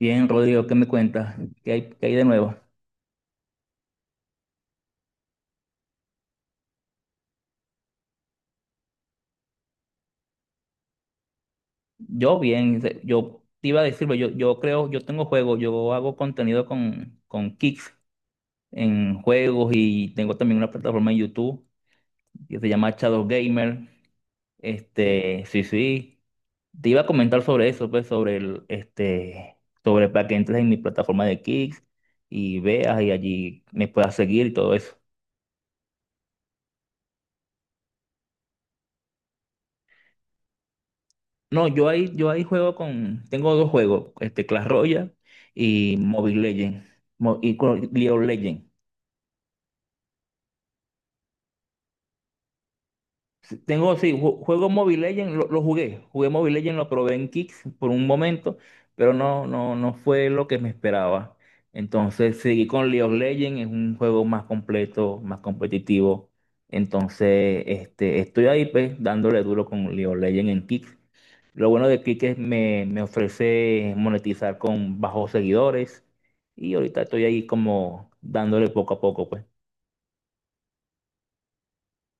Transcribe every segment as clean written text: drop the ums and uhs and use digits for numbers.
Bien, Rodrigo, ¿qué me cuentas? ¿Qué hay de nuevo? Yo bien, yo te iba a decir, pero yo creo, yo tengo juegos, yo hago contenido con Kicks en juegos y tengo también una plataforma en YouTube que se llama Shadow Gamer. Sí, sí, te iba a comentar sobre eso, pues, sobre el, sobre para que entres en mi plataforma de Kicks y veas y allí me puedas seguir y todo eso. No, yo ahí juego con, tengo dos juegos, Clash Royale y Mobile Legends, y con League of Legends. Sí, tengo, sí, juego Mobile Legends, lo jugué, Mobile Legends, lo probé en Kicks por un momento, pero no, no, no fue lo que me esperaba. Entonces seguí con League of Legends, es un juego más completo, más competitivo. Entonces, estoy ahí pues dándole duro con League of Legends en Kicks. Lo bueno de Click es me ofrece monetizar con bajos seguidores y ahorita estoy ahí como dándole poco a poco, pues.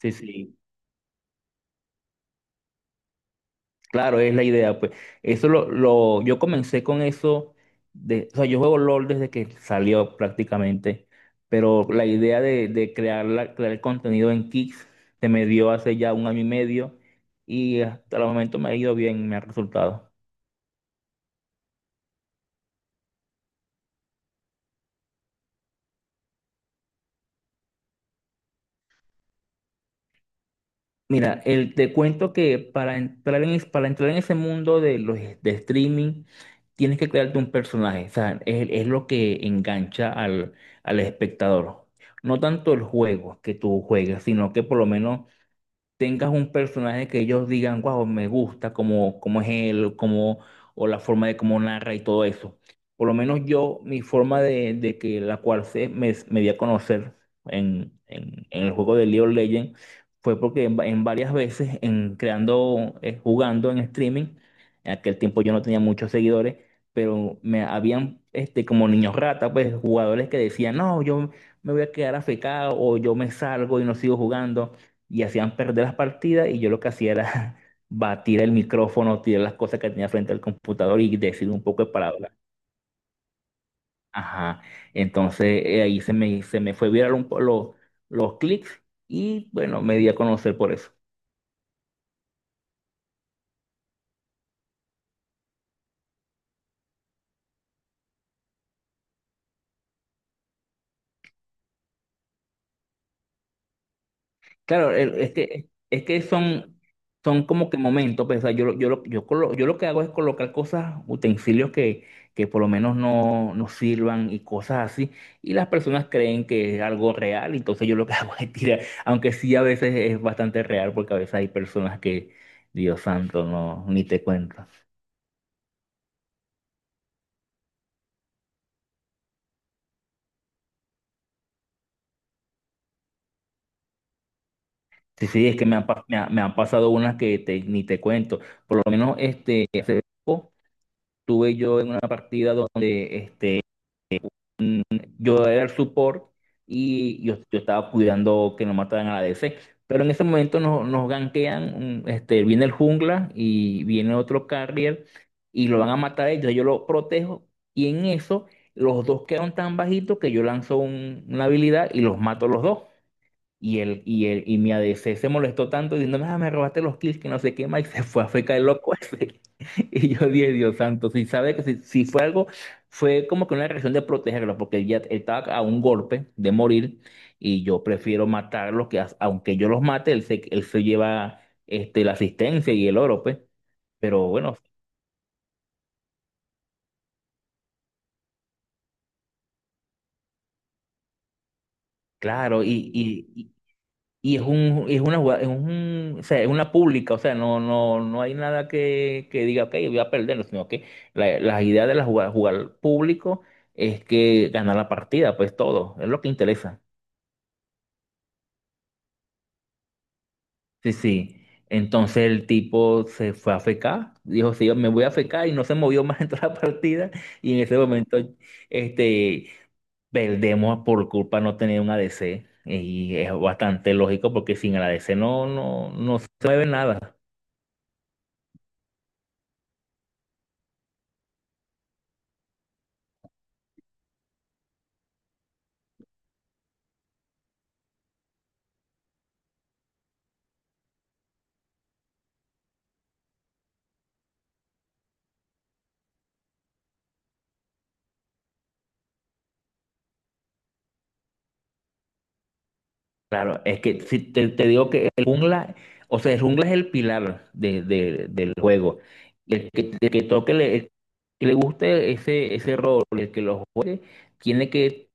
Sí, sí, claro, es la idea, pues. Eso lo yo comencé con eso de, o sea, yo juego LOL desde que salió prácticamente, pero la idea de crear crear el contenido en Kick se me dio hace ya un año y medio y hasta el momento me ha ido bien, me ha resultado. Mira, te cuento que para entrar para entrar en ese mundo de los de streaming, tienes que crearte un personaje. O sea, es lo que engancha al espectador. No tanto el juego que tú juegas, sino que por lo menos tengas un personaje que ellos digan, wow, me gusta, como es él, o la forma de cómo narra y todo eso. Por lo menos yo, mi forma de que la cual me di a conocer en el juego de League of Legends fue porque en varias veces, en creando, jugando en streaming, en aquel tiempo yo no tenía muchos seguidores, pero me habían como niños rata, pues jugadores que decían, no, yo me voy a quedar afectado o yo me salgo y no sigo jugando y hacían perder las partidas y yo lo que hacía era batir el micrófono, tirar las cosas que tenía frente al computador y decir un poco de palabras. Ajá. Entonces ahí se me, fue viral los clics y bueno, me di a conocer por eso. Claro, es que son como que momentos, pues, o sea, yo lo que hago es colocar cosas, utensilios que por lo menos no, no sirvan y cosas así, y las personas creen que es algo real, entonces yo lo que hago es tirar, aunque sí a veces es bastante real, porque a veces hay personas que, Dios santo, no, ni te cuento. Sí, sí, es que me han, pa- me ha- me han pasado unas ni te cuento, por lo menos tuve yo en una partida donde yo era el support y yo estaba cuidando que no mataran a la DC. Pero en ese momento nos gankean, viene el jungla y viene otro carrier y lo van a matar a ellos. Yo lo protejo y en eso los dos quedan tan bajitos que yo lanzo una habilidad y los mato a los dos. Y mi ADC se molestó tanto diciéndome, ah, me robaste los kills, que no sé qué más, y se fue a fecar el loco ese. Y yo dije, Dios santo, si sabe que si fue algo, fue como que una reacción de protegerlo, porque él ya estaba a un golpe de morir, y yo prefiero matarlos, aunque yo los mate, él se lleva la asistencia y el oro, pues. Pero bueno, claro, Y es un, es una jugada- es un, o sea, es una pública, o sea, no, no, no hay nada que diga, ok, voy a perder, sino que la idea de la jugada, jugar público es que ganar la partida, pues todo, es lo que interesa. Sí, sí. Entonces el tipo se fue a fecar, dijo, sí, yo me voy a fecar y no se movió más en toda la partida y en ese momento, este, perdemos por culpa no tener un ADC y es bastante lógico porque sin el ADC no, no, no se mueve nada. Claro, es que si te digo que el jungla, o sea, el jungla es el pilar del juego. Y el que toque, el que le guste ese rol, el que lo juegue, tiene que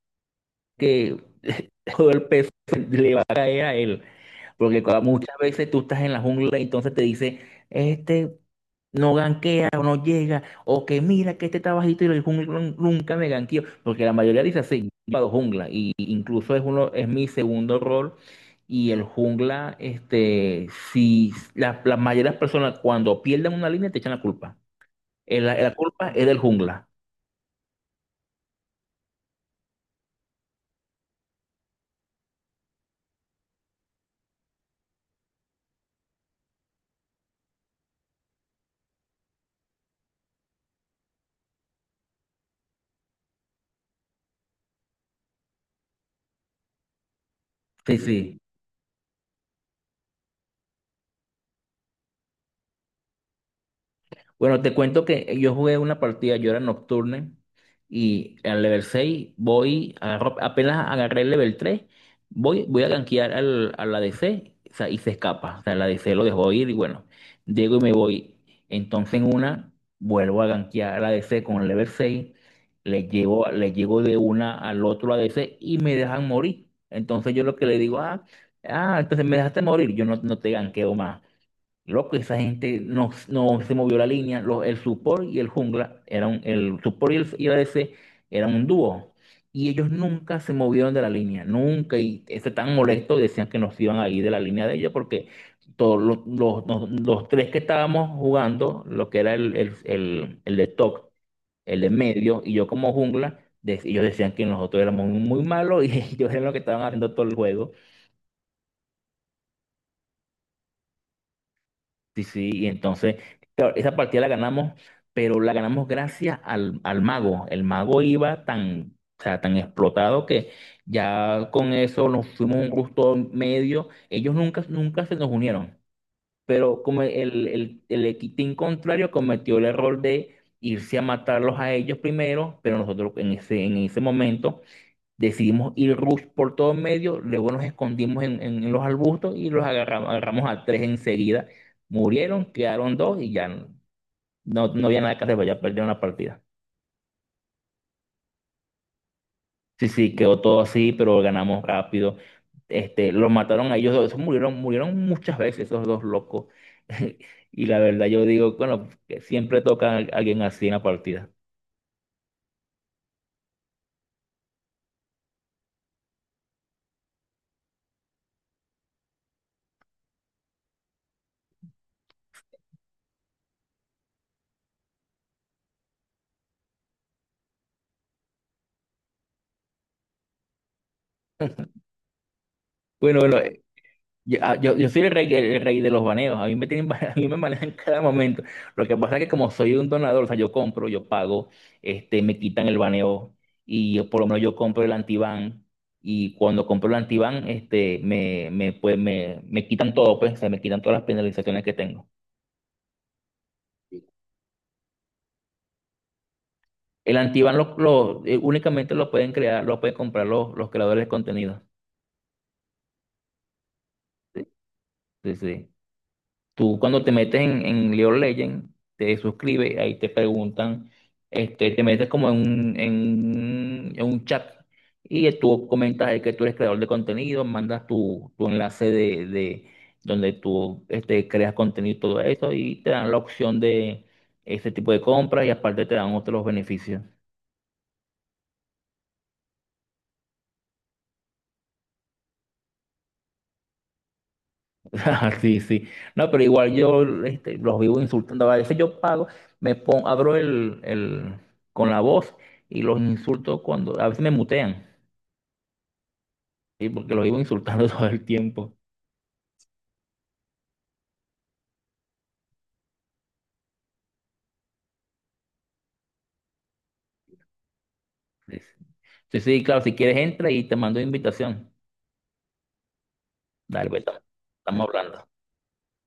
que todo el peso le va a caer a él. Porque muchas veces tú estás en la jungla y entonces te dice, este no ganquea o no llega, o que mira que este está bajito y el jungla nunca me ganqueó. Porque la mayoría dice así, jugado jungla, y incluso es uno, es mi segundo rol. Y el jungla, si la mayoría de las personas cuando pierden una línea te echan la culpa. La culpa es del jungla. Sí, sí. Bueno, te cuento que yo jugué una partida, yo era nocturne y al level 6 voy, apenas agarré el level 3, voy a gankear a la DC o sea, y se escapa. O sea, la DC lo dejó ir y bueno, llego y me voy. Entonces en una vuelvo a gankear a la DC con el level 6, le llego de una al otro ADC y me dejan morir. Entonces yo lo que le digo, ah, ah, entonces me dejaste morir, yo no, no te ganqueo más. Loco, esa gente no, no se movió la línea. El support y el jungla eran, el support y el ADC eran un dúo. Y ellos nunca se movieron de la línea, nunca. Y estaban tan molesto decían que nos iban a ir de la línea de ellos porque todos los tres que estábamos jugando, lo que era el de top, el de medio y yo como jungla, ellos decían que nosotros éramos muy malos y ellos eran los que estaban haciendo todo el juego. Sí, sí, y entonces, claro, esa partida la ganamos, pero la ganamos gracias al mago. El mago iba tan, o sea, tan explotado que ya con eso nos fuimos un gusto medio. Ellos nunca, nunca se nos unieron, pero como el team contrario cometió el error de irse a matarlos a ellos primero, pero nosotros en ese, momento decidimos ir rush por todo medio, luego nos escondimos en los arbustos y los agarramos a tres enseguida. Murieron, quedaron dos y ya no, no había nada que hacer, pues ya perdieron la partida. Sí, sí, quedó todo así, pero ganamos rápido. Los mataron a ellos dos, esos murieron muchas veces esos dos locos. Y la verdad yo digo, bueno, que siempre toca a alguien así en la partida. Bueno, bueno, Yo soy el rey de los baneos, a mí me tienen, a mí me manejan cada momento. Lo que pasa es que como soy un donador, o sea, yo compro, yo pago, me quitan el baneo y yo, por lo menos yo compro el antiban y cuando compro el antiban, pues, me quitan todo, pues, o sea, me quitan todas las penalizaciones que tengo. El antiban únicamente lo pueden crear, lo pueden comprar los creadores de contenido. Sí, sí. Sí. Tú cuando te metes en League of Legends, te suscribes, ahí te preguntan, te metes como en un chat y tú comentas ahí que tú eres creador de contenido, mandas tu enlace de donde tú creas contenido y todo eso y te dan la opción de ese tipo de compras y aparte te dan otros beneficios. Ah, sí, sí. No, pero igual yo los vivo insultando. A veces yo pago, me pongo, abro con la voz y los insulto cuando, a veces me mutean, ¿sí? Porque los vivo insultando todo el tiempo. Sí, sí, sí, sí, claro, si quieres entra y te mando invitación. Dale, pues, estamos hablando.